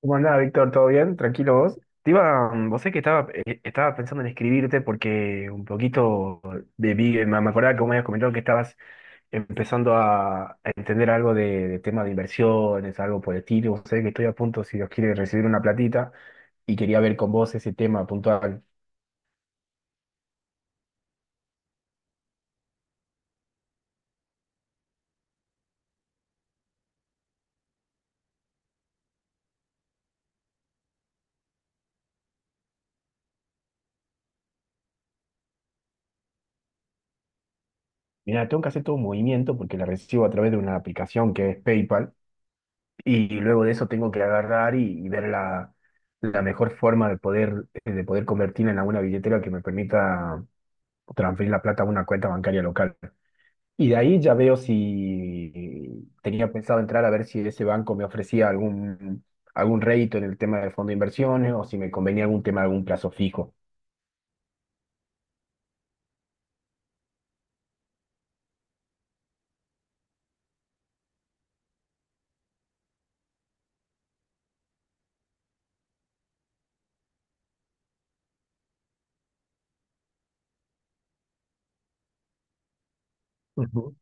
¿Cómo andás, Víctor? ¿Todo bien? ¿Tranquilo vos? Te iba, vos sé que estaba, estaba pensando en escribirte porque un poquito de, me acordaba que vos me habías comentado que estabas empezando a entender algo de tema de inversiones, algo por el estilo. Vos sé que estoy a punto, si Dios quiere, de recibir una platita y quería ver con vos ese tema puntual. Mirá, tengo que hacer todo un movimiento porque la recibo a través de una aplicación que es PayPal, y luego de eso tengo que agarrar y ver la, la mejor forma de poder convertirla en alguna billetera que me permita transferir la plata a una cuenta bancaria local. Y de ahí ya veo si tenía pensado entrar a ver si ese banco me ofrecía algún, algún rédito en el tema de fondo de inversiones o si me convenía algún tema de algún plazo fijo. Ujú.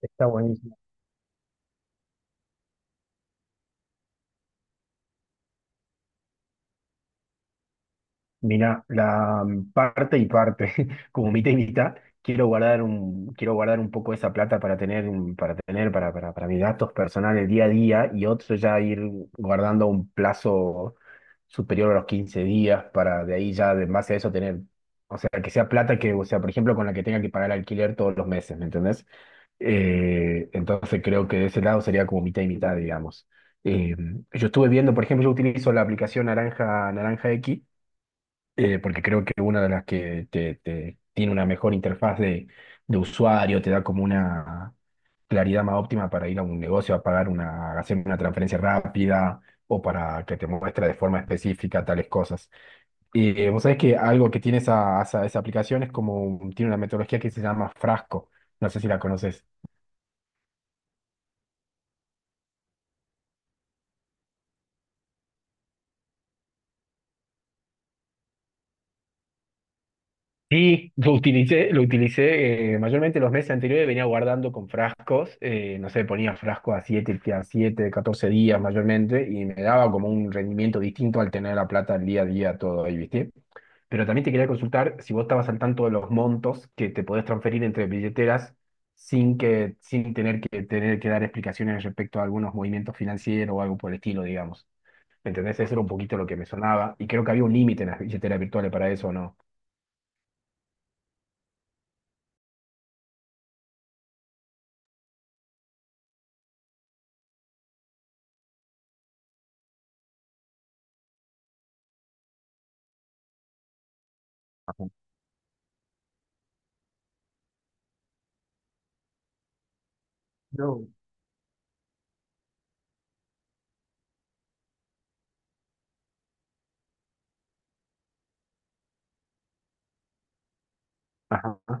Está buenísimo. Mira, la parte y parte, como mitad y mitad, quiero guardar un poco esa plata para tener, para tener, para mis gastos personales día a día, y otro ya ir guardando un plazo superior a los 15 días, para de ahí ya, de- en base a eso, tener, o sea, que sea plata que, o sea, por ejemplo, con la que tenga que pagar el alquiler todos los meses, ¿me entendés? Entonces creo que de ese lado sería como mitad y mitad, digamos. Eh, yo estuve viendo, por ejemplo, yo utilizo la aplicación Naranja, Naranja X, porque creo que una de las que te, tiene una mejor interfaz de usuario, te da como una claridad más óptima para ir a un negocio a pagar una, hacer una transferencia rápida o para que te muestre de forma específica tales cosas. Y vos sabés que algo que tiene esa, esa, esa aplicación es como, tiene una metodología que se llama Frasco, no sé si la conoces. Sí, lo utilicé, lo utilicé, mayormente los meses anteriores, venía guardando con frascos, no sé, ponía frascos a 7, a 7, 14 días mayormente, y me daba como un rendimiento distinto al tener la plata día a día todo ahí, ¿viste? Pero también te quería consultar si vos estabas al tanto de los montos que te podés transferir entre billeteras sin que, sin tener que tener que dar explicaciones respecto a algunos movimientos financieros o algo por el estilo, digamos. ¿Me entendés? Eso era un poquito lo que me sonaba, y creo que había un límite en las billeteras virtuales para eso, ¿no? O no. No. Ajá,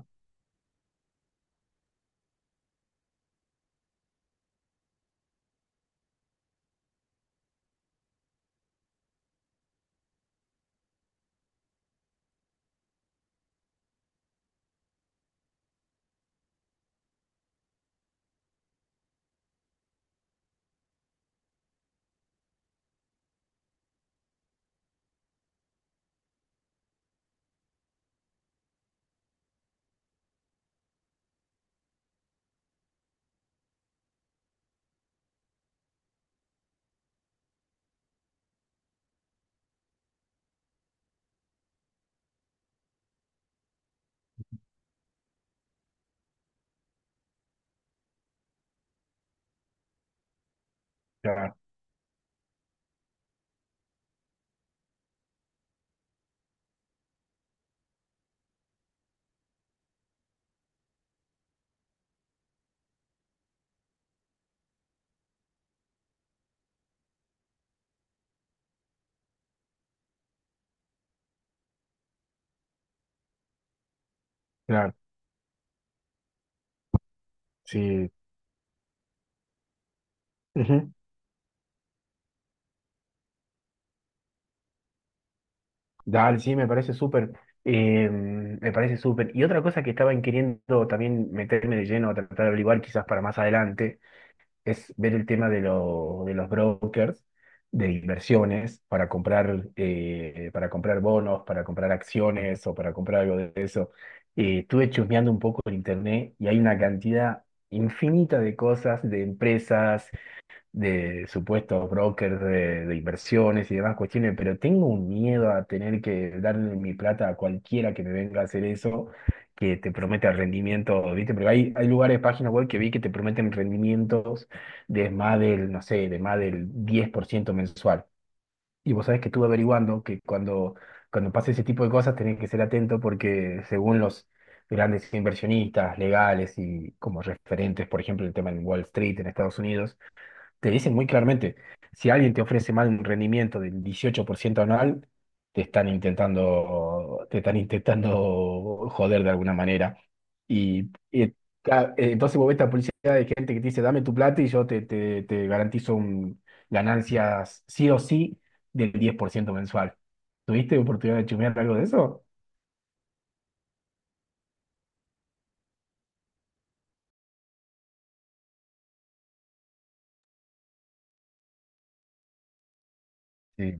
claro, claro, sí. Ujú. Dale, sí, me parece súper. Me parece súper. Y otra cosa que estaba queriendo también meterme de lleno a tratar de averiguar, quizás para más adelante, es ver el tema de, de los brokers de inversiones para comprar bonos, para comprar acciones o para comprar algo de eso. Estuve chusmeando un poco en internet y hay una cantidad infinita de cosas, de empresas de supuestos brokers de inversiones y demás cuestiones, pero tengo un miedo a tener que darle mi plata a cualquiera que me venga a hacer eso, que te promete rendimiento, ¿viste? Porque hay lugares, páginas web que vi que te prometen rendimientos de más del, no sé, de más del 10% mensual. Y vos sabés que estuve averiguando que cuando, cuando pasa ese tipo de cosas tenés que ser atento porque según los grandes inversionistas legales y como referentes, por ejemplo, el tema en Wall Street en Estados Unidos, te dicen muy claramente, si alguien te ofrece mal un rendimiento del 18% anual, te están intentando joder de alguna manera. Y, entonces vos ves esta publicidad de gente que te dice, dame tu plata y yo te, te, te garantizo un, ganancias sí o sí del 10% mensual. ¿Tuviste oportunidad de chumear algo de eso? Sí.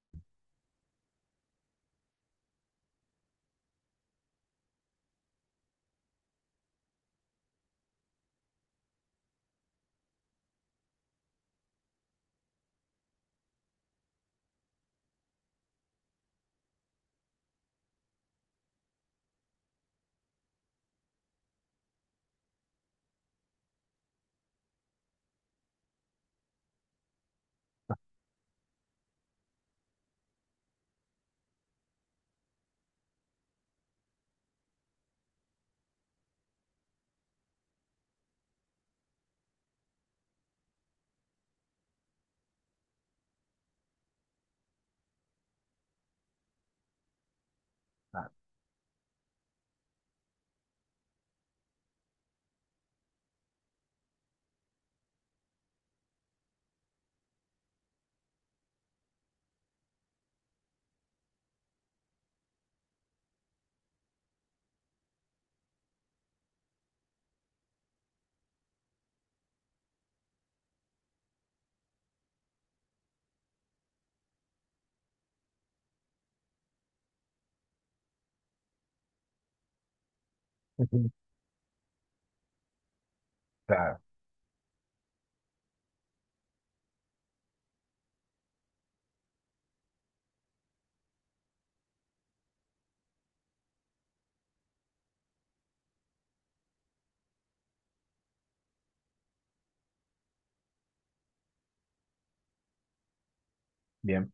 Ujú. Claro, bien.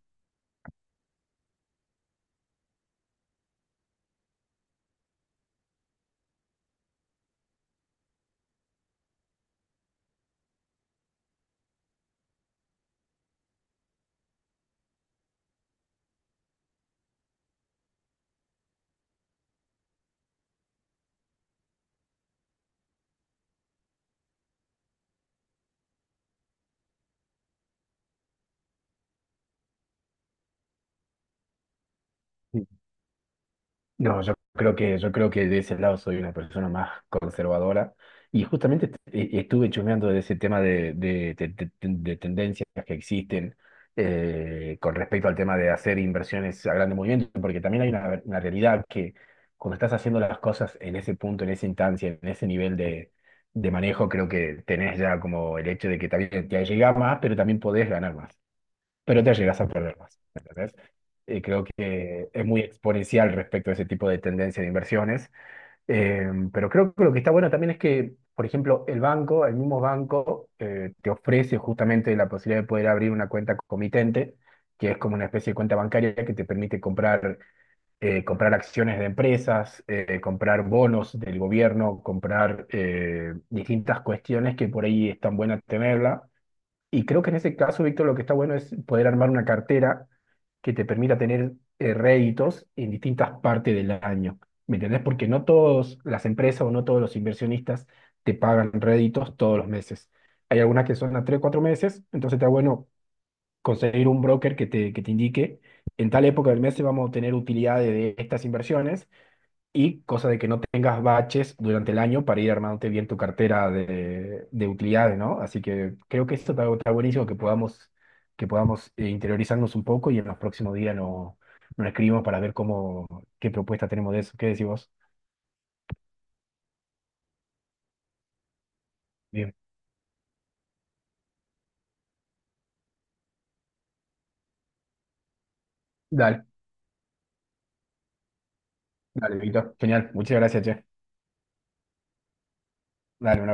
No, yo creo que de ese lado soy una persona más conservadora y justamente estuve chumeando de ese tema de, de tendencias que existen, con respecto al tema de hacer inversiones a grande movimiento, porque también hay una realidad que cuando estás haciendo las cosas en ese punto, en esa instancia, en ese nivel de manejo, creo que tenés ya como el hecho de que también te llega más, pero también podés ganar más pero te llegas a perder más, ¿entendés? Y creo que es muy exponencial respecto a ese tipo de tendencia de inversiones. Eh, pero creo que lo que está bueno también es que, por ejemplo, el banco, el mismo banco, te ofrece justamente la posibilidad de poder abrir una cuenta comitente, que es como una especie de cuenta bancaria que te permite comprar, comprar acciones de empresas, comprar bonos del gobierno, comprar distintas cuestiones que por ahí están buenas tenerla, y creo que en ese caso, Víctor, lo que está bueno es poder armar una cartera que te permita tener réditos en distintas partes del año. ¿Me entendés? Porque no todas las empresas o no todos los inversionistas te pagan réditos todos los meses. Hay algunas que son a 3 4 meses, entonces está bueno conseguir un broker que te indique, en tal época del mes vamos a tener utilidades de estas inversiones y cosa de que no tengas baches durante el año para ir armándote bien tu cartera de utilidades, ¿no? Así que creo que esto está, está buenísimo que podamos interiorizarnos un poco y en los próximos días nos, nos escribimos para ver cómo, qué propuesta tenemos de eso. ¿Qué decís vos? Bien. Dale, dale, Víctor. Genial. Muchas gracias, che. Dale, un abrazo.